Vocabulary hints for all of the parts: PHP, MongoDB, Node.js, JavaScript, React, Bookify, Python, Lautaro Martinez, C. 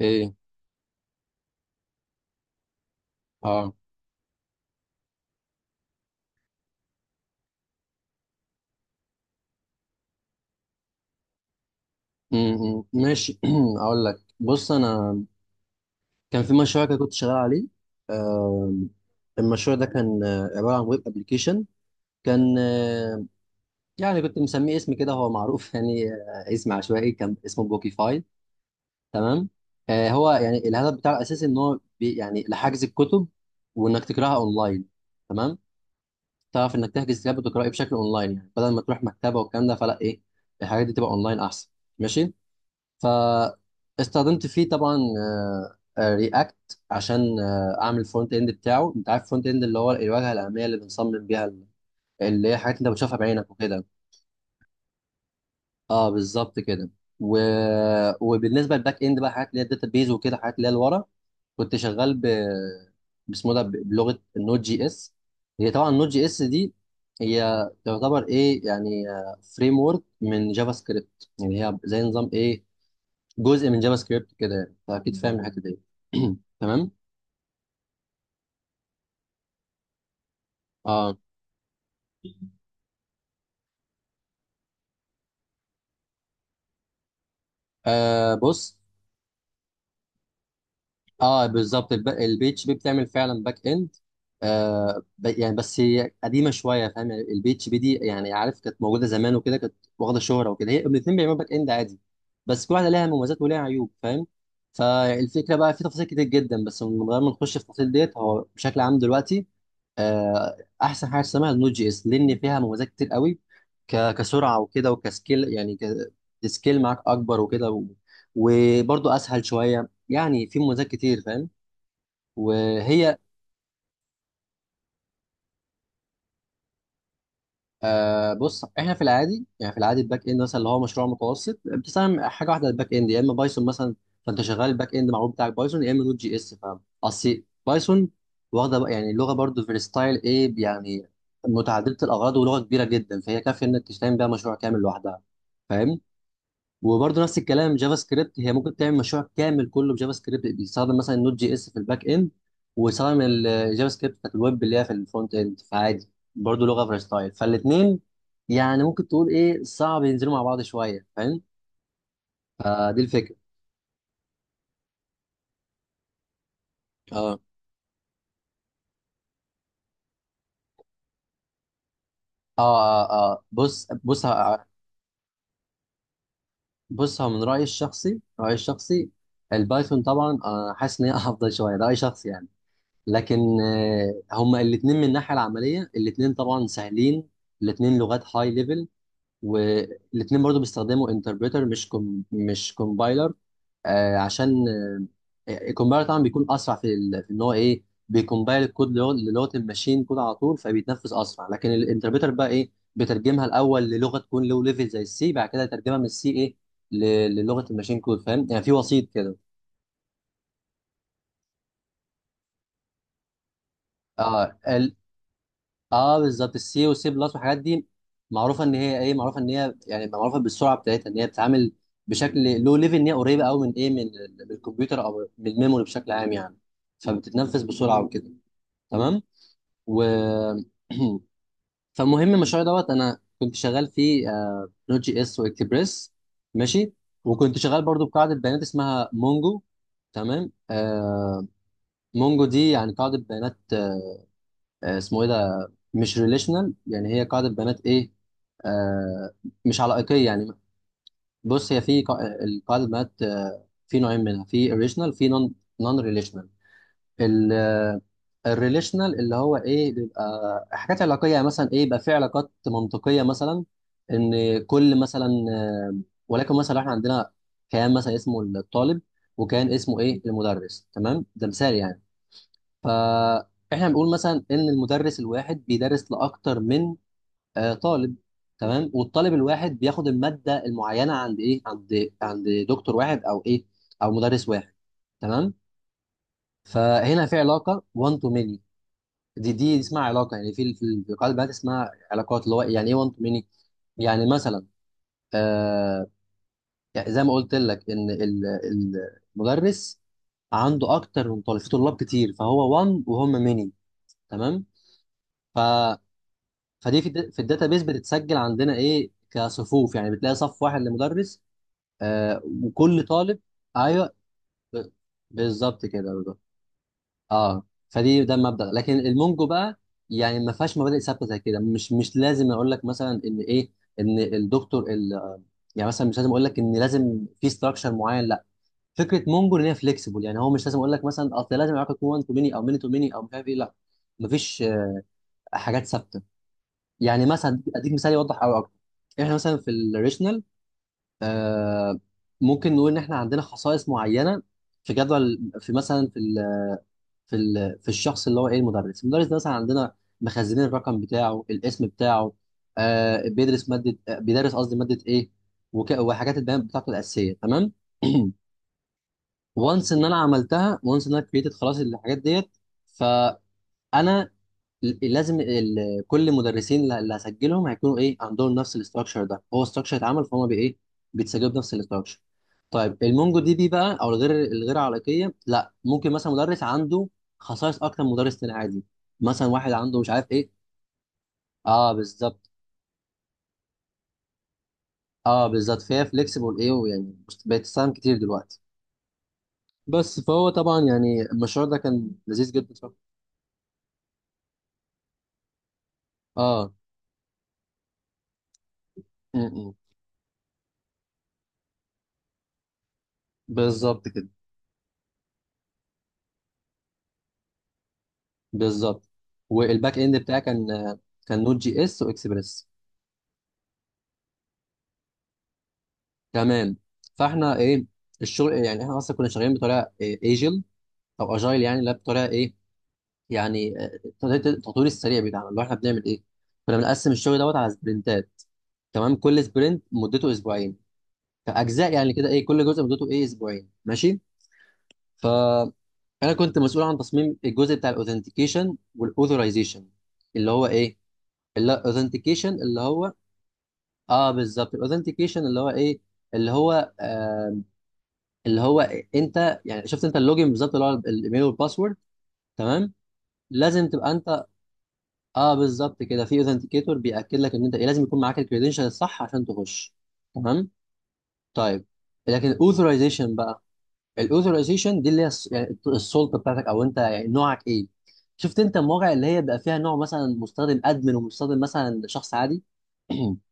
ايه. اه. ماشي. اقول لك، بص انا كان في مشروع كده كنت شغال عليه. آم، المشروع ده كان عباره عن ويب ابلكيشن. كان يعني كنت مسميه اسم كده هو معروف يعني اسم عشوائي، كان اسمه بوكيفاي. تمام. هو يعني الهدف بتاعه الاساسي ان هو يعني لحجز الكتب، وانك تقراها اونلاين. تمام، تعرف انك تحجز كتاب وتقراه بشكل اونلاين يعني بدل ما تروح مكتبه والكلام ده، فلا ايه، الحاجات دي تبقى اونلاين احسن. ماشي. فاستخدمت فيه طبعا رياكت عشان اعمل الفرونت اند بتاعه. انت عارف الفرونت اند اللي هو الواجهه الاماميه اللي بنصمم بيها اللي هي حاجات انت بتشوفها بعينك وكده. اه بالظبط كده. و... وبالنسبه للباك اند بقى، حاجات اللي هي الداتا بيز وكده، حاجات اللي هي لورا. كنت شغال باسمه ده، ب- بلغه النوت جي اس. هي طبعا النوت جي اس دي هي تعتبر ايه يعني فريم ورك من جافا سكريبت. يعني هي زي نظام ايه، جزء من جافا سكريبت كده يعني، فاكيد فاهم الحته دي. تمام. اه بص. اه بالظبط البي اتش بي بتعمل فعلا باك اند. يعني بس هي قديمه شويه، فاهم؟ يعني البي اتش بي دي يعني عارف كانت موجوده زمان وكده، كانت واخده شهره وكده. هي الاثنين بيعملوا باك اند عادي، بس كل واحده ليها مميزات وليها عيوب، فاهم؟ فالفكره بقى في تفاصيل كتير جدا، بس من غير ما نخش في التفاصيل ديت، هو بشكل عام دلوقتي احسن حاجه اسمها النود جي اس لان فيها مميزات كتير قوي، ك- كسرعه وكده، وكسكيل يعني، السكيل معاك اكبر وكده، و- وبرضه اسهل شويه، يعني في مميزات كتير، فاهم؟ وهي بص، احنا في العادي، يعني في العادي الباك اند مثلا اللي هو مشروع متوسط، بتستخدم حاجه واحده. الباك اند يا اما بايثون مثلا، فانت شغال الباك اند معروف بتاعك بايثون يا اما نوت جي اس، فاهم؟ اصل بايثون واخده بقى- يعني لغه برضو فيرستايل، ايه يعني، متعدده الاغراض، ولغه كبيره جدا، فهي كافيه انك تشتغل بيها مشروع كامل لوحدها، فاهم؟ وبرضه نفس الكلام جافا سكريبت، هي ممكن تعمل مشروع كامل كله بجافا سكريبت، بيستخدم مثلا النوت جي اس في الباك اند، ويستخدم الجافا سكريبت بتاعت الويب اللي هي في الفرونت اند، فعادي، برضه لغه فرستايل، فالاثنين يعني ممكن تقول ايه صعب ينزلوا مع بعض شويه، فاهم؟ فدي الفكره. اه اه اه. بص، هو من رايي الشخصي، رايي الشخصي البايثون طبعا انا حاسس ان هي افضل شويه، ده راي شخصي يعني. لكن هما الاثنين من الناحيه العمليه الاثنين طبعا سهلين. الاثنين لغات هاي ليفل، والاثنين برضو بيستخدموا انتربريتر مش كومبايلر. عشان الكومبايلر طبعا بيكون اسرع في ان هو ايه، بيكومبايل الكود للغه الماشين كود على طول، فبيتنفذ اسرع. لكن الانتربريتر بقى ايه، بترجمها الاول للغه تكون لو ليفل زي السي، بعد كده يترجمها من السي ايه ل- للغه الماشين كود، فاهم يعني في وسيط كده. اه اه بالظبط. السي والسي بلس والحاجات دي معروفه ان هي ايه، معروفه ان هي يعني معروفه بالسرعه بتاعتها ان هي بتتعامل بشكل لو ليفل، ان هي قريبه قوي من ايه، من من الكمبيوتر او من الميموري بشكل عام يعني، فبتتنفذ بسرعه وكده. تمام. و فالمهم المشروع دوت انا كنت شغال فيه نوت جي اس واكسبريس. ماشي. وكنت شغال برضو بقاعده بيانات اسمها مونجو. تمام. مونجو دي يعني قاعده بيانات، اسمه ايه ده، مش ريليشنال يعني، هي قاعده بنات ايه، آه مش علائقيه يعني. بص هي في القاعده بنات في نوعين منها، في ريليشنال، في نون ريليشنال. الريليشنال اللي هو ايه بيبقى حاجات علاقيه يعني مثلا ايه، يبقى في علاقات منطقيه مثلا ان كل مثلا آه، ولكن مثلا احنا عندنا كيان مثلا اسمه الطالب، وكان اسمه ايه المدرس، تمام، ده مثال يعني. فاحنا بنقول مثلا ان المدرس الواحد بيدرس لاكتر من طالب، تمام، والطالب الواحد بياخد الماده المعينه عند ايه، عند عند دكتور واحد او ايه او مدرس واحد، تمام. فهنا في علاقه 1 تو ميني، دي اسمها علاقه يعني، في قاعده بيانات اسمها علاقات اللي هو يعني ايه 1 تو ميني، يعني مثلا آه يعني زي ما قلت لك ان المدرس عنده اكتر من طالب، في طلاب كتير، فهو 1 وهم ميني، تمام. فدي في في الداتابيس بتتسجل عندنا ايه كصفوف، يعني بتلاقي صف واحد لمدرس وكل طالب. ايوه، ب- بالظبط كده، بالظبط. اه فدي ده المبدأ، لكن المونجو بقى يعني ما فيهاش مبادئ ثابته زي كده، مش مش لازم اقول لك مثلا ان ايه، ان الدكتور ال يعني مثلا مش لازم اقول لك ان لازم في ستراكشر معين، لا. فكره مونجو ان هي فليكسيبل يعني، هو مش لازم اقول لك مثلا اصل لازم العلاقه تكون 1 تو ميني او ميني تو ميني او مش عارف ايه، لا. مفيش حاجات ثابته، يعني مثلا اديك مثال يوضح قوي اكتر. احنا مثلا في الريشنال آه ممكن نقول ان احنا عندنا خصائص معينه في جدول، في مثلا في الشخص اللي هو ايه المدرس. المدرس ده مثلا عندنا مخزنين الرقم بتاعه، الاسم بتاعه، بيدرس ماده، بيدرس قصدي ماده ايه، وك... وحاجات البيانات بتاعته الاساسيه، تمام. وانس ان انا عملتها، وانس ان انا كريتد خلاص الحاجات ديت، فانا لازم كل مدرسين اللي هسجلهم هيكونوا ايه، عندهم نفس الاستراكشر، ده هو استراكشر اتعمل فهم بايه، بيتسجلوا بنفس الاستراكشر. طيب المونجو دي بي بقى، او الغير الغير علاقيه، لا، ممكن مثلا مدرس عنده خصائص اكتر من مدرس تاني عادي، مثلا واحد عنده مش عارف ايه. اه بالظبط. اه بالظبط، فهي فليكسيبل ايه، ويعني بقت تستخدم كتير دلوقتي. بس فهو طبعا يعني المشروع ده كان لذيذ جدا، صح. اه. م- م. بالظبط كده، بالظبط. والباك اند بتاعي كان، كان نوت جي اس واكسبريس. تمام. فاحنا ايه، الشغل يعني احنا اصلا كنا شغالين بطريقه ايجل، او اجايل يعني، لا بطريقه ايه يعني التطوير السريع بتاعنا اللي هو احنا بنعمل ايه، كنا بنقسم الشغل دوت على سبرنتات، تمام. كل سبرنت مدته اسبوعين، كاجزاء يعني، كده ايه، كل جزء مدته ايه اسبوعين، ماشي. فانا كنت مسؤول عن تصميم الجزء بتاع الاوثنتيكيشن والاوثورايزيشن اللي هو ايه الاوثنتيكيشن اللي authentication اللي هو اه بالظبط. الاوثنتيكيشن اللي هو ايه، اللي هو اللي هو إيه؟ انت يعني شفت انت اللوجن بالظبط اللي هو الايميل والباسورد، تمام، لازم تبقى انت، اه بالظبط كده، في اوثنتيكيتور بياكد لك ان انت ايه، لازم يكون معاك الكريدنشال الصح عشان تخش، تمام. طيب لكن الاوثرايزيشن بقى، الاوثرايزيشن دي اللي هي يعني السلطه بتاعتك، او انت يعني نوعك ايه. شفت انت المواقع اللي هي بيبقى فيها نوع مثلا مستخدم ادمن، ومستخدم مثلا شخص عادي.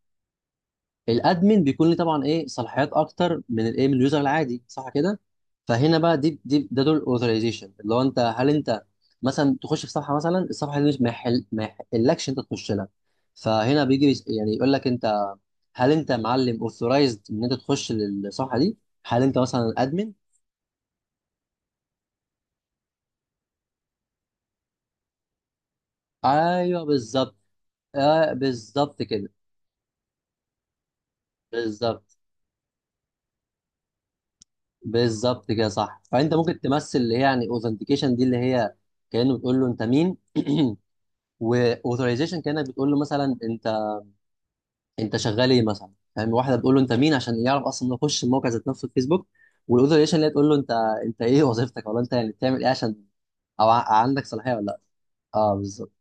الادمن بيكون ليه طبعا ايه صلاحيات اكتر من الايه من اليوزر العادي، صح كده؟ فهنا بقى دي ده دور الاوثرايزيشن اللي هو انت، هل انت مثلا تخش في صفحه مثلا، الصفحه دي مش ما يحلكش انت تخش لها. فهنا بيجي يعني يقول لك انت هل انت معلم اوثرايزد ان انت تخش للصفحه دي، هل انت مثلا ادمن. ايوه بالظبط. بالظبط كده، بالظبط. بالظبط كده صح. فانت ممكن تمثل اللي هي يعني اوثنتيكيشن دي اللي هي كانه بتقول له انت مين، واوثورايزيشن كانت بتقول له مثلا انت، انت شغال ايه مثلا، فاهم؟ واحده بتقول له انت مين عشان يعرف اصلا يخش الموقع ذات نفسه الفيسبوك، والاوثورايزيشن اللي هي تقول له انت ايه وظيفتك، ولا انت يعني بتعمل ايه عشان، او عندك صلاحيه ولا لا. اه بالظبط.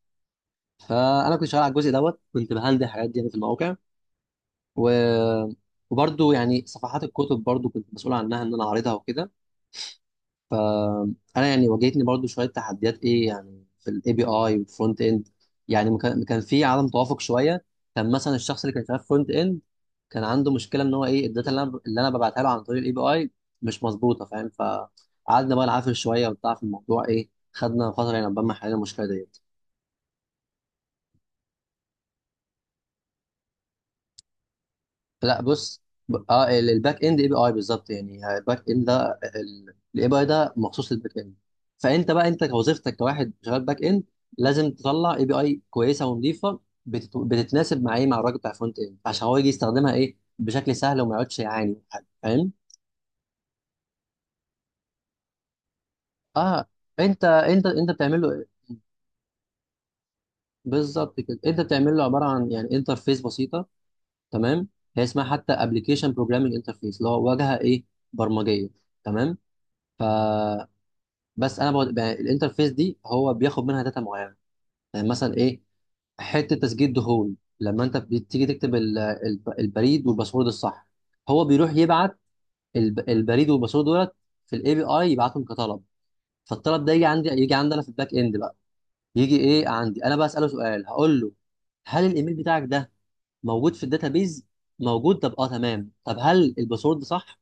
فانا كنت شغال على الجزء دوت، كنت بهندل الحاجات دي يعني في المواقع. و وبرضه يعني صفحات الكتب برضه كنت مسؤول عنها ان انا اعرضها وكده. انا يعني واجهتني برضو شويه تحديات ايه يعني في الاي بي اي والفرونت اند، يعني ما كان كان في عدم توافق شويه. كان مثلا الشخص اللي كان شغال فرونت اند كان عنده مشكله ان هو ايه الداتا اللي انا ببعتها له عن طريق الاي بي اي مش مظبوطه، فاهم؟ فقعدنا بقى نعافر شويه وبتاع في الموضوع، ايه، خدنا فتره يعني عقبال ما حلينا المشكله دي. لا بص. اه الباك اند اي بي اي بالظبط يعني الباك اند ده، الاي بي اي ده مخصوص للباك اند. فانت بقى انت كوظيفتك كواحد شغال باك اند لازم تطلع اي بي اي كويسه ونظيفه، بتتناسب مع ايه، مع الراجل بتاع فرونت اند عشان هو يجي يستخدمها ايه بشكل سهل وما يقعدش يعاني من حاجة، فاهم؟ اه انت بتعمل له. بالظبط كده، انت بتعمل له عباره عن يعني انترفيس بسيطه، تمام. هي اسمها حتى ابلكيشن بروجرامنج انترفيس اللي هو واجهه ايه برمجيه، تمام. ف بس انا بقى الانترفيس دي هو بياخد منها داتا معينه يعني مثلا ايه، حته تسجيل دخول لما انت بتيجي تكتب البريد والباسورد الصح. هو بيروح يبعت البريد والباسورد دولت في الاي بي اي، يبعتهم كطلب. فالطلب ده يجي عندي انا في الباك اند بقى، يجي ايه عندي انا بقى اساله سؤال، هقول له هل الايميل بتاعك ده موجود في الداتابيز. موجود، طب اه، تمام، طب هل الباسورد صح،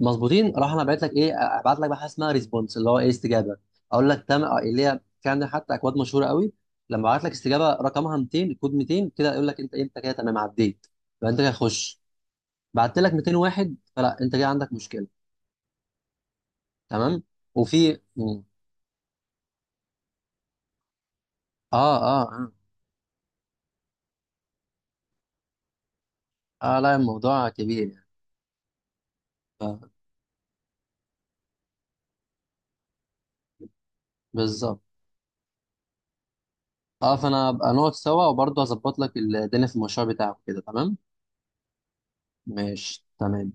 مظبوطين. راح انا بعت لك ايه، ابعت لك بقى حاجه اسمها ريسبونس اللي هو ايه استجابه. اقول لك تم اللي هي في عندنا حتى اكواد مشهوره قوي. لما ابعت لك استجابه رقمها 200 الكود 200 كده يقول لك انت ايه، انت كده تمام عديت، يبقى انت كده خش. بعت لك 201 فلا انت كده عندك مشكله. تمام. وفي مم. اه اه اه، لا الموضوع كبير يعني. ف- بالظبط. اه فانا ابقى نقعد سوا وبرضه هظبط لك الدنيا في المشروع بتاعك كده، تمام. ماشي، تمام.